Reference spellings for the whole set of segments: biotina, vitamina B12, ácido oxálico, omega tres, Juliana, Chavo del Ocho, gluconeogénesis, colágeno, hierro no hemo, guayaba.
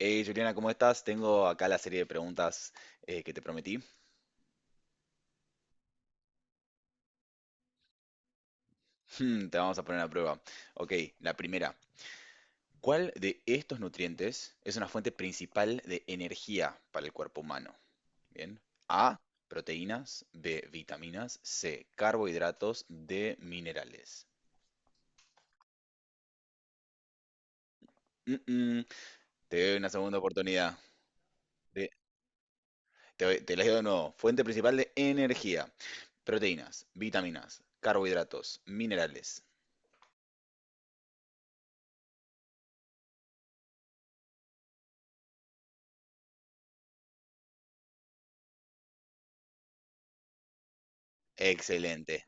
Hey Juliana, ¿cómo estás? Tengo acá la serie de preguntas que te prometí. Te vamos a poner a prueba. Ok, la primera. ¿Cuál de estos nutrientes es una fuente principal de energía para el cuerpo humano? Bien. A, proteínas, B, vitaminas, C, carbohidratos, D, minerales. Mm, mm, Te doy una segunda oportunidad. Te, te las digo de nuevo. Fuente principal de energía. Proteínas, vitaminas, carbohidratos, minerales. Excelente.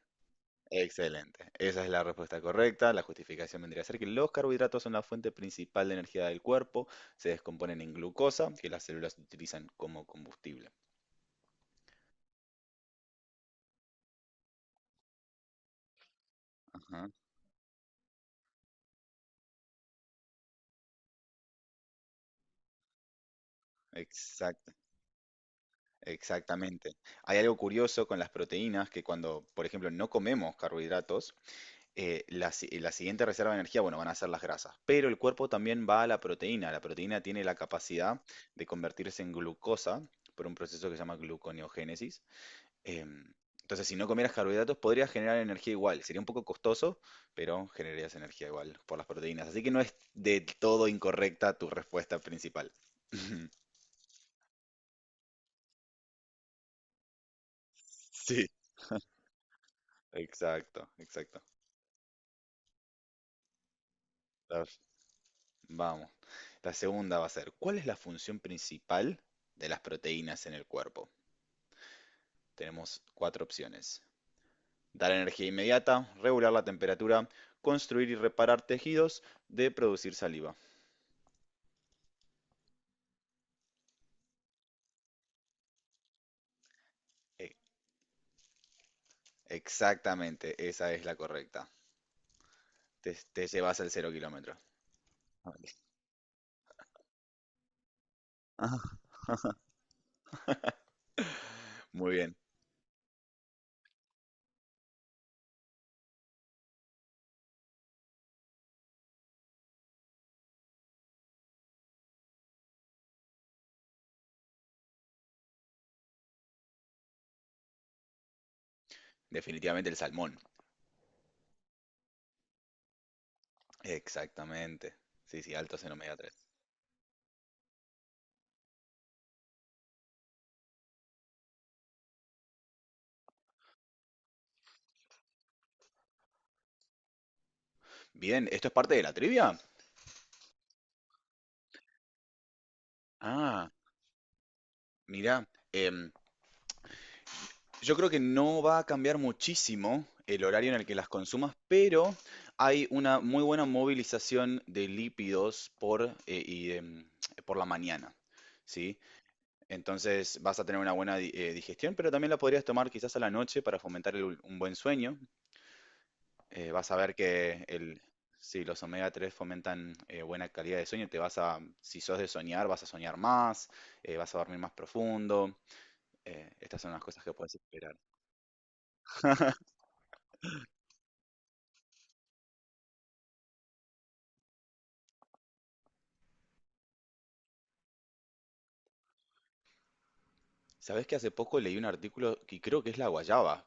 Excelente. Esa es la respuesta correcta. La justificación vendría a ser que los carbohidratos son la fuente principal de energía del cuerpo. Se descomponen en glucosa, que las células utilizan como combustible. Ajá, exacto, exactamente. Hay algo curioso con las proteínas que cuando, por ejemplo, no comemos carbohidratos, la, si- la siguiente reserva de energía, bueno, van a ser las grasas. Pero el cuerpo también va a la proteína. La proteína tiene la capacidad de convertirse en glucosa por un proceso que se llama gluconeogénesis. Em, entonces, si no comieras carbohidratos, podrías generar energía igual. Sería un poco costoso, pero generarías energía igual por las proteínas. Así que no es de todo incorrecta tu respuesta principal. Sí, exacto, exacto. La- Vamos. La segunda va a ser, ¿cuál es la función principal de las proteínas en el cuerpo? Tenemos cuatro opciones. Dar energía inmediata, regular la temperatura, construir y reparar tejidos, de producir saliva. E- Exactamente, esa es la correcta. Te llevas al cero kilómetro. Ajá. Muy bien, definitivamente el salmón. Exactamente. Sí, sí, altos en omega tres. Bien, ¿esto es parte de la trivia? Ah, mira, em, yo creo que no va a cambiar muchísimo el horario en el que las consumas, pero hay una muy buena movilización de lípidos por, por la mañana, ¿sí? Entonces vas a tener una buena digestión, pero también la podrías tomar quizás a la noche para fomentar un buen sueño. Vas a ver que si los omega tres fomentan buena calidad de sueño, si sos de soñar, vas a soñar más, vas a dormir más profundo. Estas son las cosas que puedes esperar. ¿Sabés que hace poco leí un artículo que creo que es la guayaba?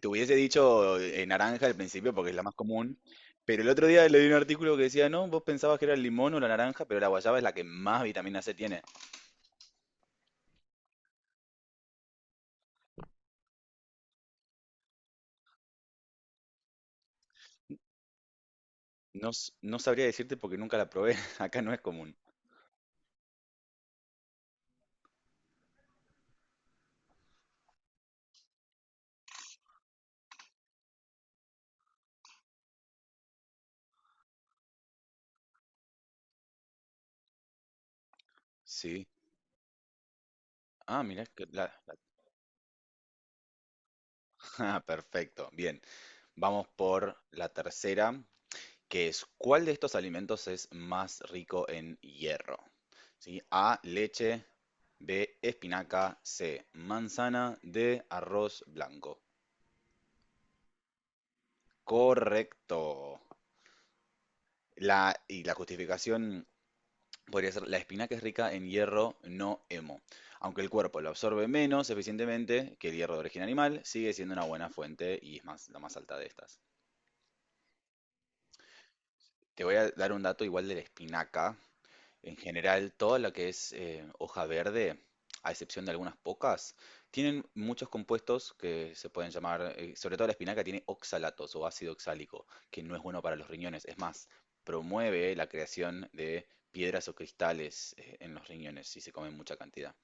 Te hubiese dicho naranja al principio porque es la más común, pero el otro día leí un artículo que decía, no, vos pensabas que era el limón o la naranja, pero la guayaba es la que más vitamina C tiene. No, no sabría decirte porque nunca la probé. Acá no es común. Sí. Ah, mirá. Ah, perfecto. Bien, vamos por la tercera, que es ¿cuál de estos alimentos es más rico en hierro? ¿Sí? A, leche, B, espinaca, C, manzana, D, arroz blanco. Correcto. Y la justificación podría ser la espinaca es rica en hierro no hemo. Aunque el cuerpo lo absorbe menos eficientemente que el hierro de origen animal, sigue siendo una buena fuente y es más, la más alta de estas. Te voy a dar un dato igual de la espinaca. En general, toda la que es hoja verde, a excepción de algunas pocas, tienen muchos compuestos que se pueden llamar, sobre todo la espinaca tiene oxalatos o ácido oxálico, que no es bueno para los riñones. Es más, promueve la creación de piedras o cristales en los riñones si se come en mucha cantidad.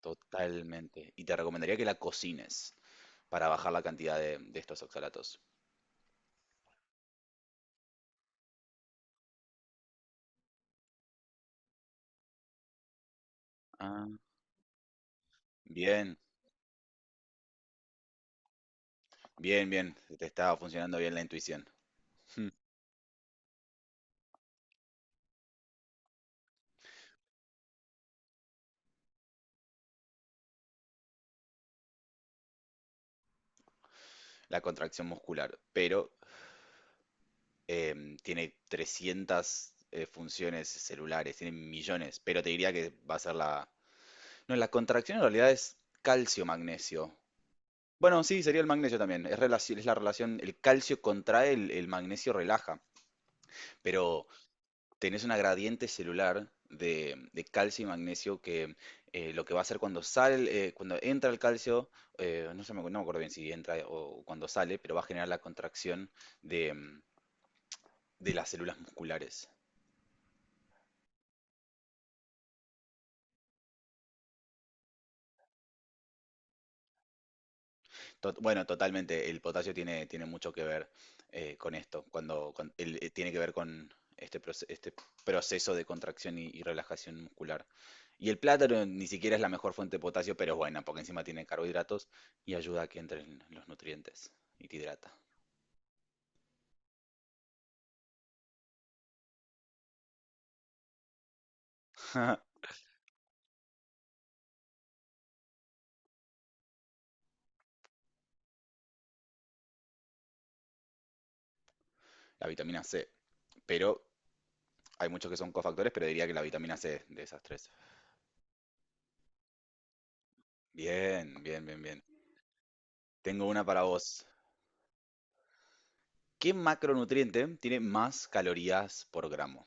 Totalmente. Y te recomendaría que la cocines para bajar la cantidad de, estos oxalatos. Ah, bien, bien, bien. Te estaba funcionando bien la intuición. La contracción muscular. Pero tiene 300 funciones celulares, tiene millones, pero te diría que va a ser la... No, la contracción en realidad es calcio-magnesio. Bueno, sí, sería el magnesio también. Es la relación, el calcio contrae, el magnesio relaja, pero tenés una gradiente celular de, calcio y magnesio que lo que va a hacer cuando sale, cuando entra el calcio, no me acuerdo bien si entra o cuando sale, pero va a generar la contracción de, las células musculares. Bueno, totalmente. El potasio tiene mucho que ver con esto, tiene que ver con este proceso de contracción y relajación muscular. Y el plátano ni siquiera es la mejor fuente de potasio, pero es buena, porque encima tiene carbohidratos y ayuda a que entren los nutrientes y te hidrata. La vitamina C, pero hay muchos que son cofactores, pero diría que la vitamina C de esas tres. Bien, bien, bien, bien. Tengo una para vos. ¿Qué macronutriente tiene más calorías por gramo?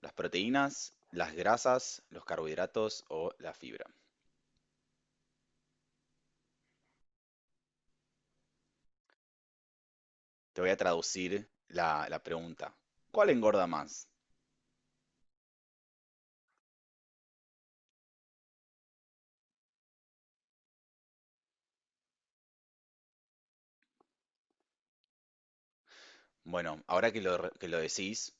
Las proteínas, las grasas, los carbohidratos o la fibra. Te voy a traducir la pregunta. ¿Cuál engorda más? Bueno, ahora que lo decís,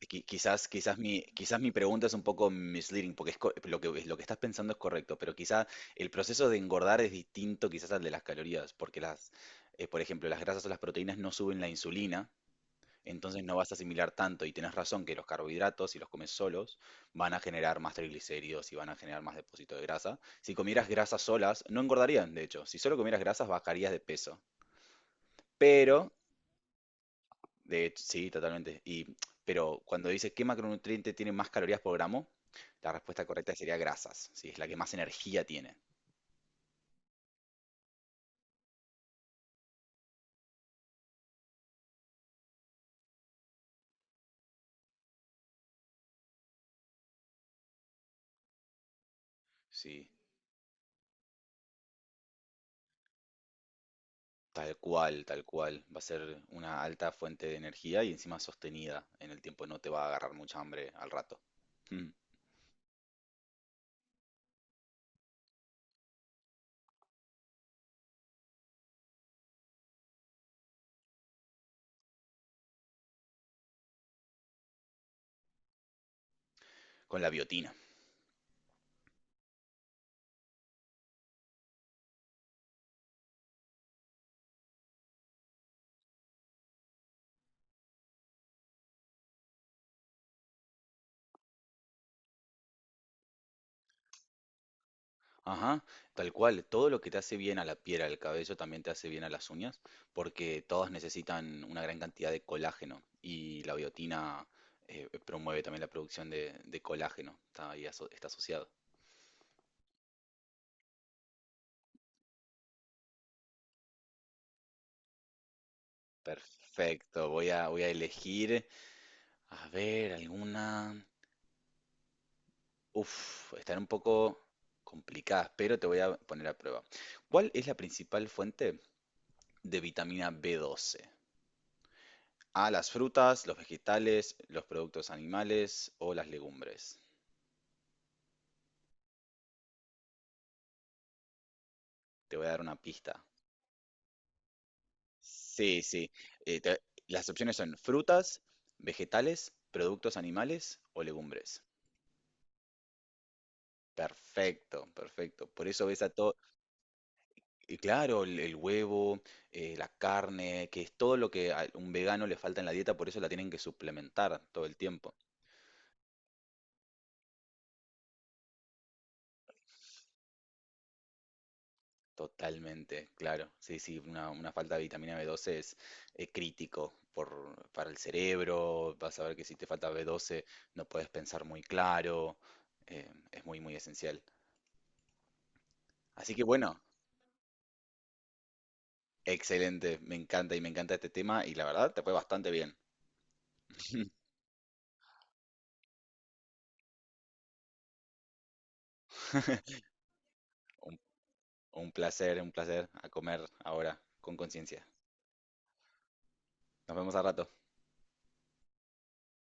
quizás mi pregunta es un poco misleading, porque es lo que estás pensando es correcto, pero quizás el proceso de engordar es distinto quizás al de las calorías, porque por ejemplo, las grasas o las proteínas no suben la insulina. Entonces no vas a asimilar tanto y tenés razón que los carbohidratos, si los comes solos, van a generar más triglicéridos y van a generar más depósito de grasa. Si comieras grasas solas, no engordarían, de hecho. Si solo comieras grasas, bajarías de peso. Pero, de hecho, sí, totalmente. Pero cuando dices qué macronutriente tiene más calorías por gramo, la respuesta correcta sería grasas, ¿sí? Es la que más energía tiene, ¿sí? Tal cual, tal cual. Va a ser una alta fuente de energía y encima sostenida en el tiempo, no te va a agarrar mucha hambre al rato. Mm. Con la biotina. Ajá, tal cual. Todo lo que te hace bien a la piel, al cabello, también te hace bien a las uñas, porque todas necesitan una gran cantidad de colágeno y la biotina promueve también la producción de, colágeno. Está ahí está asociado. Perfecto. Voy a elegir, a ver, alguna. Uf, están un poco complicadas, pero te voy a poner a prueba. ¿Cuál es la principal fuente de vitamina B12? A, las frutas, los vegetales, los productos animales o las legumbres. Te voy a dar una pista. Sí, sí. Eh, te- las opciones son frutas, vegetales, productos animales o legumbres. Perfecto, perfecto. Por eso ves a todo, y claro, el huevo, la carne, que es todo lo que a un vegano le falta en la dieta, por eso la tienen que suplementar todo el tiempo. Totalmente, claro. Sí, sí, una falta de vitamina B12 es crítico para el cerebro. Vas a ver que si te falta B12 no puedes pensar muy claro. Es muy, muy esencial. Así que bueno, excelente. Me encanta y me encanta este tema y la verdad te fue bastante bien. Un, un placer, un placer a comer ahora con conciencia. Nos vemos a rato.